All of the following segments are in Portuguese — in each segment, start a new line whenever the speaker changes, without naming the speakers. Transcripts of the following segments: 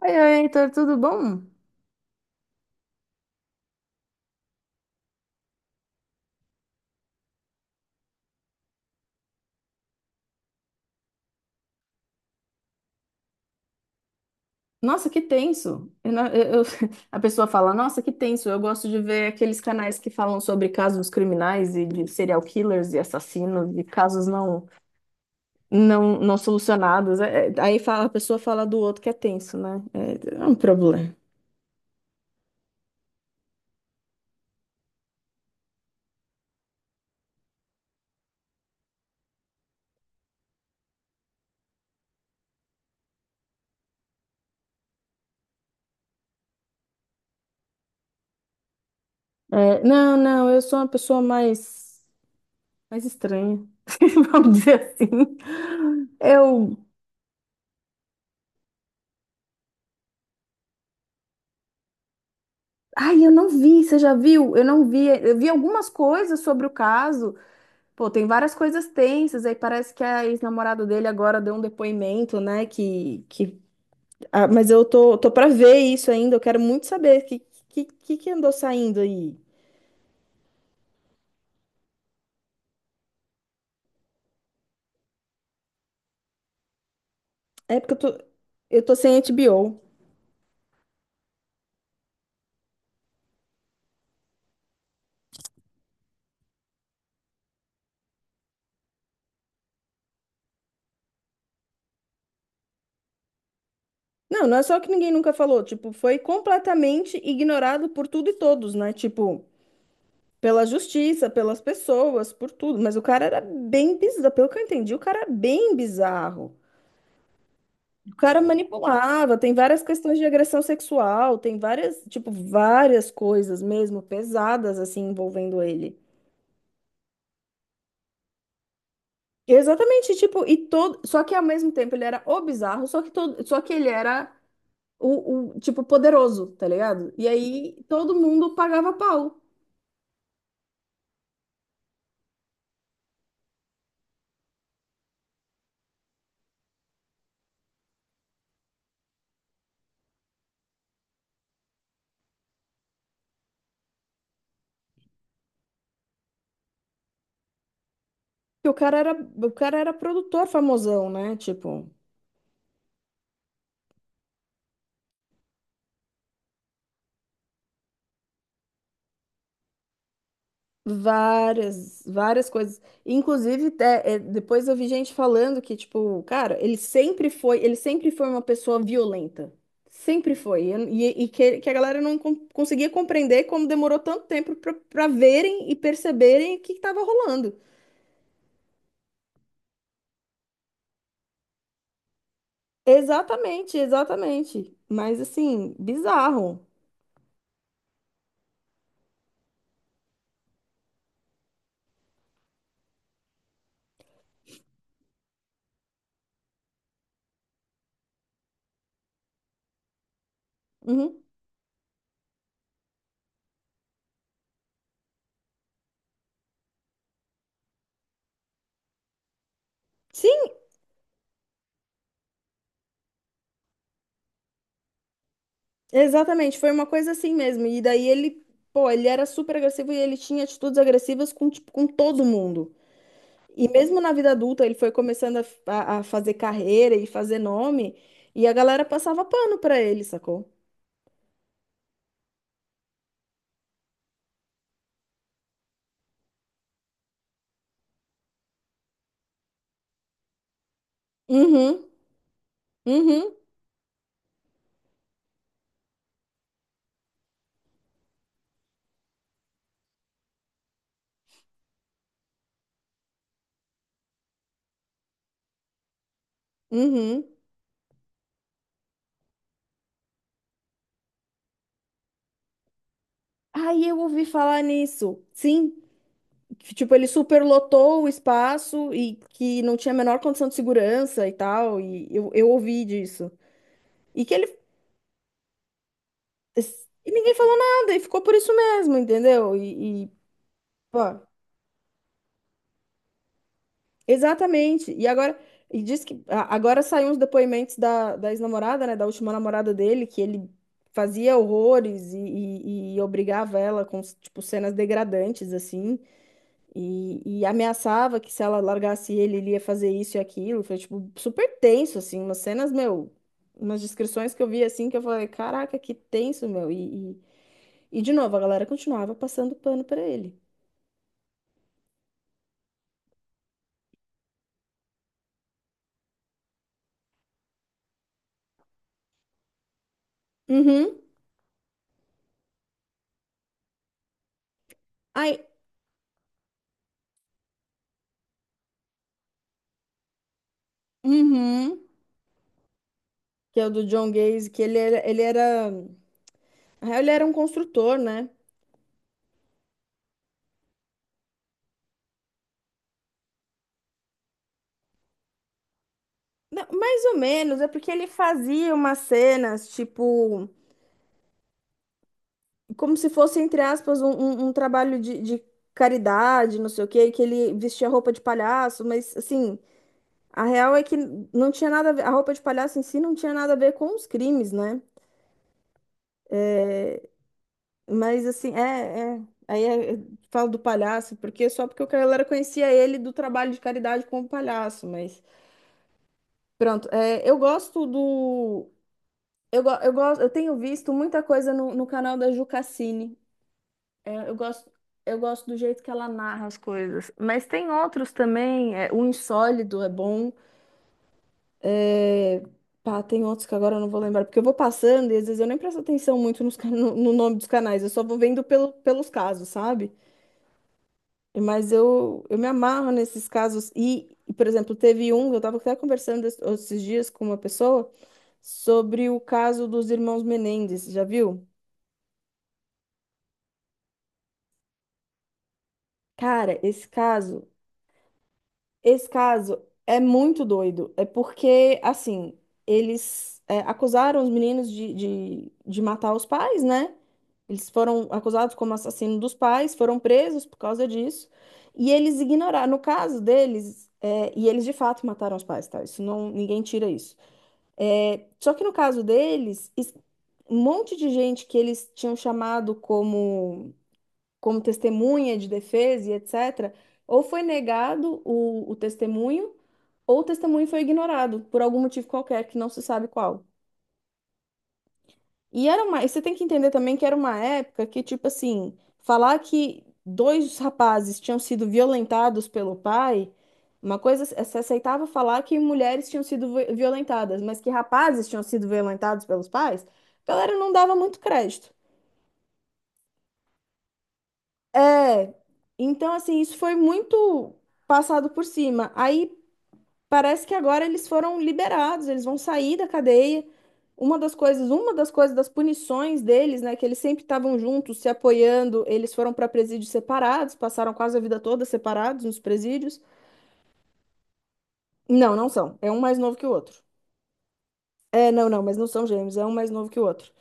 Oi, oi, Heitor, tudo bom? Nossa, que tenso. Eu não- eu- A pessoa fala, nossa, que tenso. Eu gosto de ver aqueles canais que falam sobre casos criminais e de serial killers e assassinos e casos não solucionados. Aí fala, a pessoa fala do outro que é tenso, né? É um problema. É, não, não, eu sou uma pessoa mais, estranha, vamos dizer assim. Eu, ai, eu não vi, você já viu? Eu não vi, eu vi algumas coisas sobre o caso. Pô, tem várias coisas tensas, aí parece que a ex-namorada dele agora deu um depoimento, né? Que. Ah, mas eu tô pra ver isso ainda, eu quero muito saber que andou saindo aí. É porque eu tô sem HBO. Não, não é só que ninguém nunca falou, tipo, foi completamente ignorado por tudo e todos, né? Tipo, pela justiça, pelas pessoas, por tudo. Mas o cara era bem bizarro, pelo que eu entendi, o cara era bem bizarro. O cara manipulava, tem várias questões de agressão sexual, tem várias, tipo, várias coisas mesmo pesadas assim envolvendo ele. Exatamente, tipo, e todo, só que ao mesmo tempo ele era o bizarro, só que todo, só que ele era o, tipo poderoso, tá ligado? E aí todo mundo pagava pau. Porque o cara era produtor famosão, né? Tipo, várias, várias coisas. Inclusive, até, é, depois eu vi gente falando que, tipo, cara, ele sempre foi uma pessoa violenta. Sempre foi. E, que a galera não conseguia compreender como demorou tanto tempo pra verem e perceberem o que estava rolando. Exatamente, exatamente. Mas assim, bizarro. Uhum. Sim, exatamente. Foi uma coisa assim mesmo. E daí ele, pô, ele era super agressivo e ele tinha atitudes agressivas com, tipo, com todo mundo. E mesmo na vida adulta, ele foi começando a fazer carreira e fazer nome, e a galera passava pano pra ele, sacou? Uhum, uhum, uhum. Aí eu ouvi falar nisso. Sim, que, tipo, ele superlotou o espaço e que não tinha a menor condição de segurança e tal, e eu ouvi disso. E que ele. E ninguém falou nada, e ficou por isso mesmo, entendeu? Pô. Exatamente. E diz que agora saíram os depoimentos da ex-namorada, né? Da última namorada dele, que ele fazia horrores e obrigava ela com, tipo, cenas degradantes, assim, e ameaçava que se ela largasse ele, ele ia fazer isso e aquilo. Foi, tipo, super tenso, assim, umas cenas, meu, umas descrições que eu vi, assim, que eu falei, caraca, que tenso, meu. E de novo, a galera continuava passando pano pra ele. Uhum. Aí, uhum. Que é o do John Gaze, que na real, ele era um construtor, né? Não, mais ou menos, é porque ele fazia umas cenas, tipo, como se fosse, entre aspas, um trabalho de caridade, não sei o quê, que ele vestia roupa de palhaço, mas, assim, a real é que não tinha nada a ver, a roupa de palhaço em si não tinha nada a ver com os crimes, né? Mas, assim, aí eu falo do palhaço, porque só porque o cara conhecia ele do trabalho de caridade como palhaço, mas. Pronto, eu gosto do. Eu, go- eu, gosto, eu tenho visto muita coisa no, no canal da Ju Cassini. É, eu gosto, eu gosto do jeito que ela narra as coisas. Mas tem outros também. O Insólido é bom. é, pá, tem outros que agora eu não vou lembrar, porque eu vou passando e às vezes eu nem presto atenção muito nos, no nome dos canais. Eu só vou vendo pelos casos, sabe? Mas eu me amarro nesses casos. Por exemplo, teve um, eu estava até conversando esses dias com uma pessoa sobre o caso dos irmãos Menendez, já viu? Cara, esse caso é muito doido. É porque, assim, eles acusaram os meninos de matar os pais, né? Eles foram acusados como assassino dos pais, foram presos por causa disso. E eles ignoraram, no caso deles, e eles de fato mataram os pais, tá? Isso não, ninguém tira isso. É, só que no caso deles, um monte de gente que eles tinham chamado como testemunha de defesa e etc., ou foi negado o testemunho, ou o testemunho foi ignorado por algum motivo qualquer que não se sabe qual. E você tem que entender também que era uma época que, tipo assim, falar que dois rapazes tinham sido violentados pelo pai, uma coisa, se se aceitava falar que mulheres tinham sido violentadas, mas que rapazes tinham sido violentados pelos pais, a galera não dava muito crédito. É, então, assim, isso foi muito passado por cima. Aí parece que agora eles foram liberados, eles vão sair da cadeia. Uma das coisas das punições deles, né, que eles sempre estavam juntos, se apoiando, eles foram para presídios separados, passaram quase a vida toda separados nos presídios. Não, não são. É um mais novo que o outro. É, não, não, mas não são gêmeos, é um mais novo que o outro.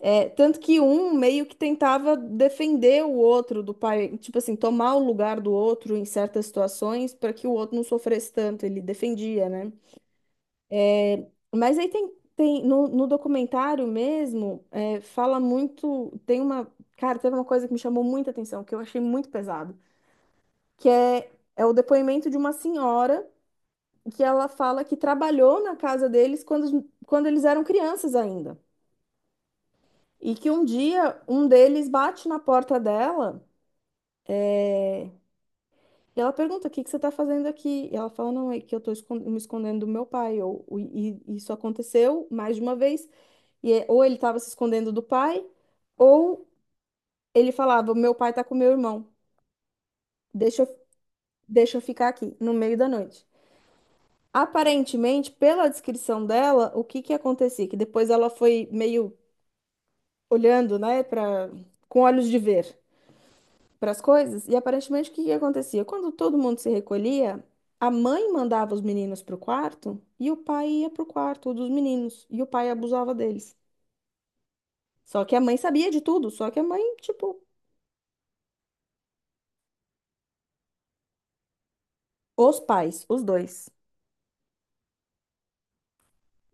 É, tanto que um meio que tentava defender o outro do pai, tipo assim, tomar o lugar do outro em certas situações para que o outro não sofresse tanto, ele defendia, né? Mas aí tem no, documentário mesmo, fala muito, cara, teve uma coisa que me chamou muita atenção, que eu achei muito pesado, que é o depoimento de uma senhora que ela fala que trabalhou na casa deles quando, quando eles eram crianças ainda. E que um dia um deles bate na porta dela e ela pergunta: O que que você está fazendo aqui? E ela fala: Não, é que eu estou me escondendo do meu pai. Ou, e isso aconteceu mais de uma vez. Ou ele estava se escondendo do pai. Ou ele falava: Meu pai tá com meu irmão, deixa eu, deixa eu ficar aqui, no meio da noite. Aparentemente, pela descrição dela, o que que acontecia? Que depois ela foi meio olhando, né, para com olhos de ver para as coisas, e aparentemente o que que acontecia? Quando todo mundo se recolhia, a mãe mandava os meninos pro quarto e o pai ia pro quarto dos meninos, e o pai abusava deles. Só que a mãe sabia de tudo, só que a mãe, tipo, os pais, os dois.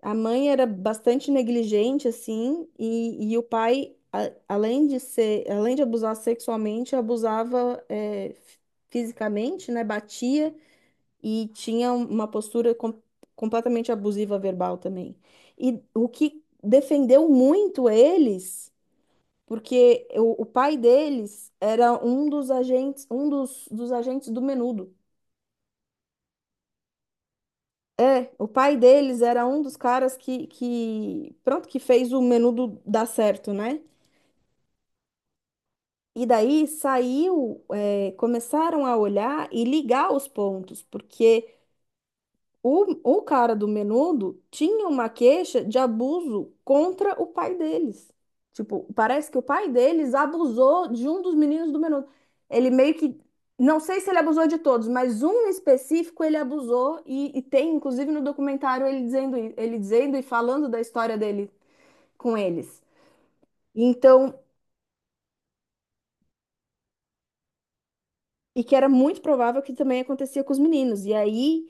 A mãe era bastante negligente, assim, e o pai, além de ser, além de abusar sexualmente, abusava fisicamente, né? Batia e tinha uma postura completamente abusiva verbal também. E o que defendeu muito eles, porque o pai deles era um dos agentes, um dos agentes do Menudo. É, o pai deles era um dos caras que pronto, que fez o menudo dar certo, né? E daí saiu, começaram a olhar e ligar os pontos, porque O, o cara do Menudo tinha uma queixa de abuso contra o pai deles. Tipo, parece que o pai deles abusou de um dos meninos do Menudo. Ele meio que. Não sei se ele abusou de todos, mas um específico ele abusou e tem, inclusive, no documentário ele dizendo, ele dizendo e falando da história dele com eles. Então, E que era muito provável que também acontecia com os meninos. E aí,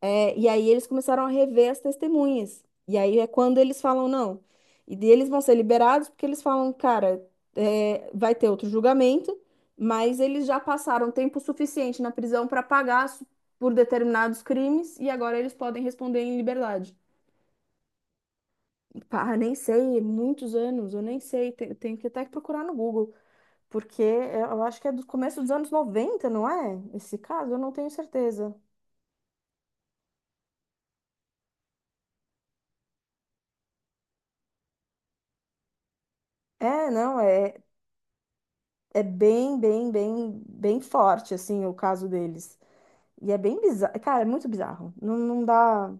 é, e aí eles começaram a rever as testemunhas. E aí é quando eles falam não. E daí eles vão ser liberados porque eles falam, cara, vai ter outro julgamento, mas eles já passaram tempo suficiente na prisão para pagar por determinados crimes e agora eles podem responder em liberdade. Pá, nem sei, muitos anos, eu nem sei, tenho que até procurar no Google. Porque eu acho que é do começo dos anos 90, não é? Esse caso, eu não tenho certeza. Não, é bem, bem, bem, bem forte, assim, o caso deles. E é bem bizarro. Cara, é muito bizarro. Não, não dá.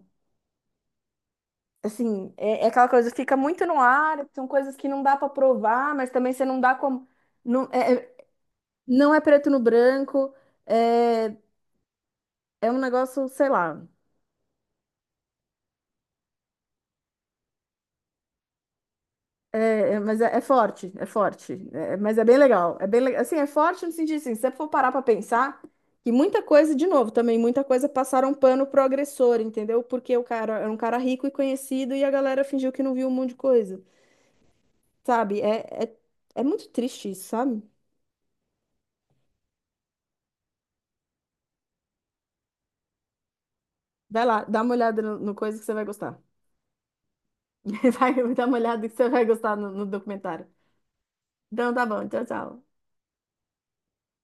Assim, é, aquela coisa, fica muito no ar, são coisas que não dá pra provar, mas também você não dá como. Não é, não é preto no branco, é, é um negócio, sei lá. É, mas é forte, é forte. É, mas é bem legal. É bem, assim, é forte no sentido assim, se você for parar para pensar, que muita coisa, de novo, também muita coisa passaram pano pro agressor, entendeu? Porque o cara era um cara rico e conhecido e a galera fingiu que não viu um monte de coisa, sabe? É muito triste isso, sabe? Vai lá, dá uma olhada no, no, coisa que você vai gostar. Vai, dá uma olhada que você vai gostar no, documentário. Então tá bom, tchau, tchau.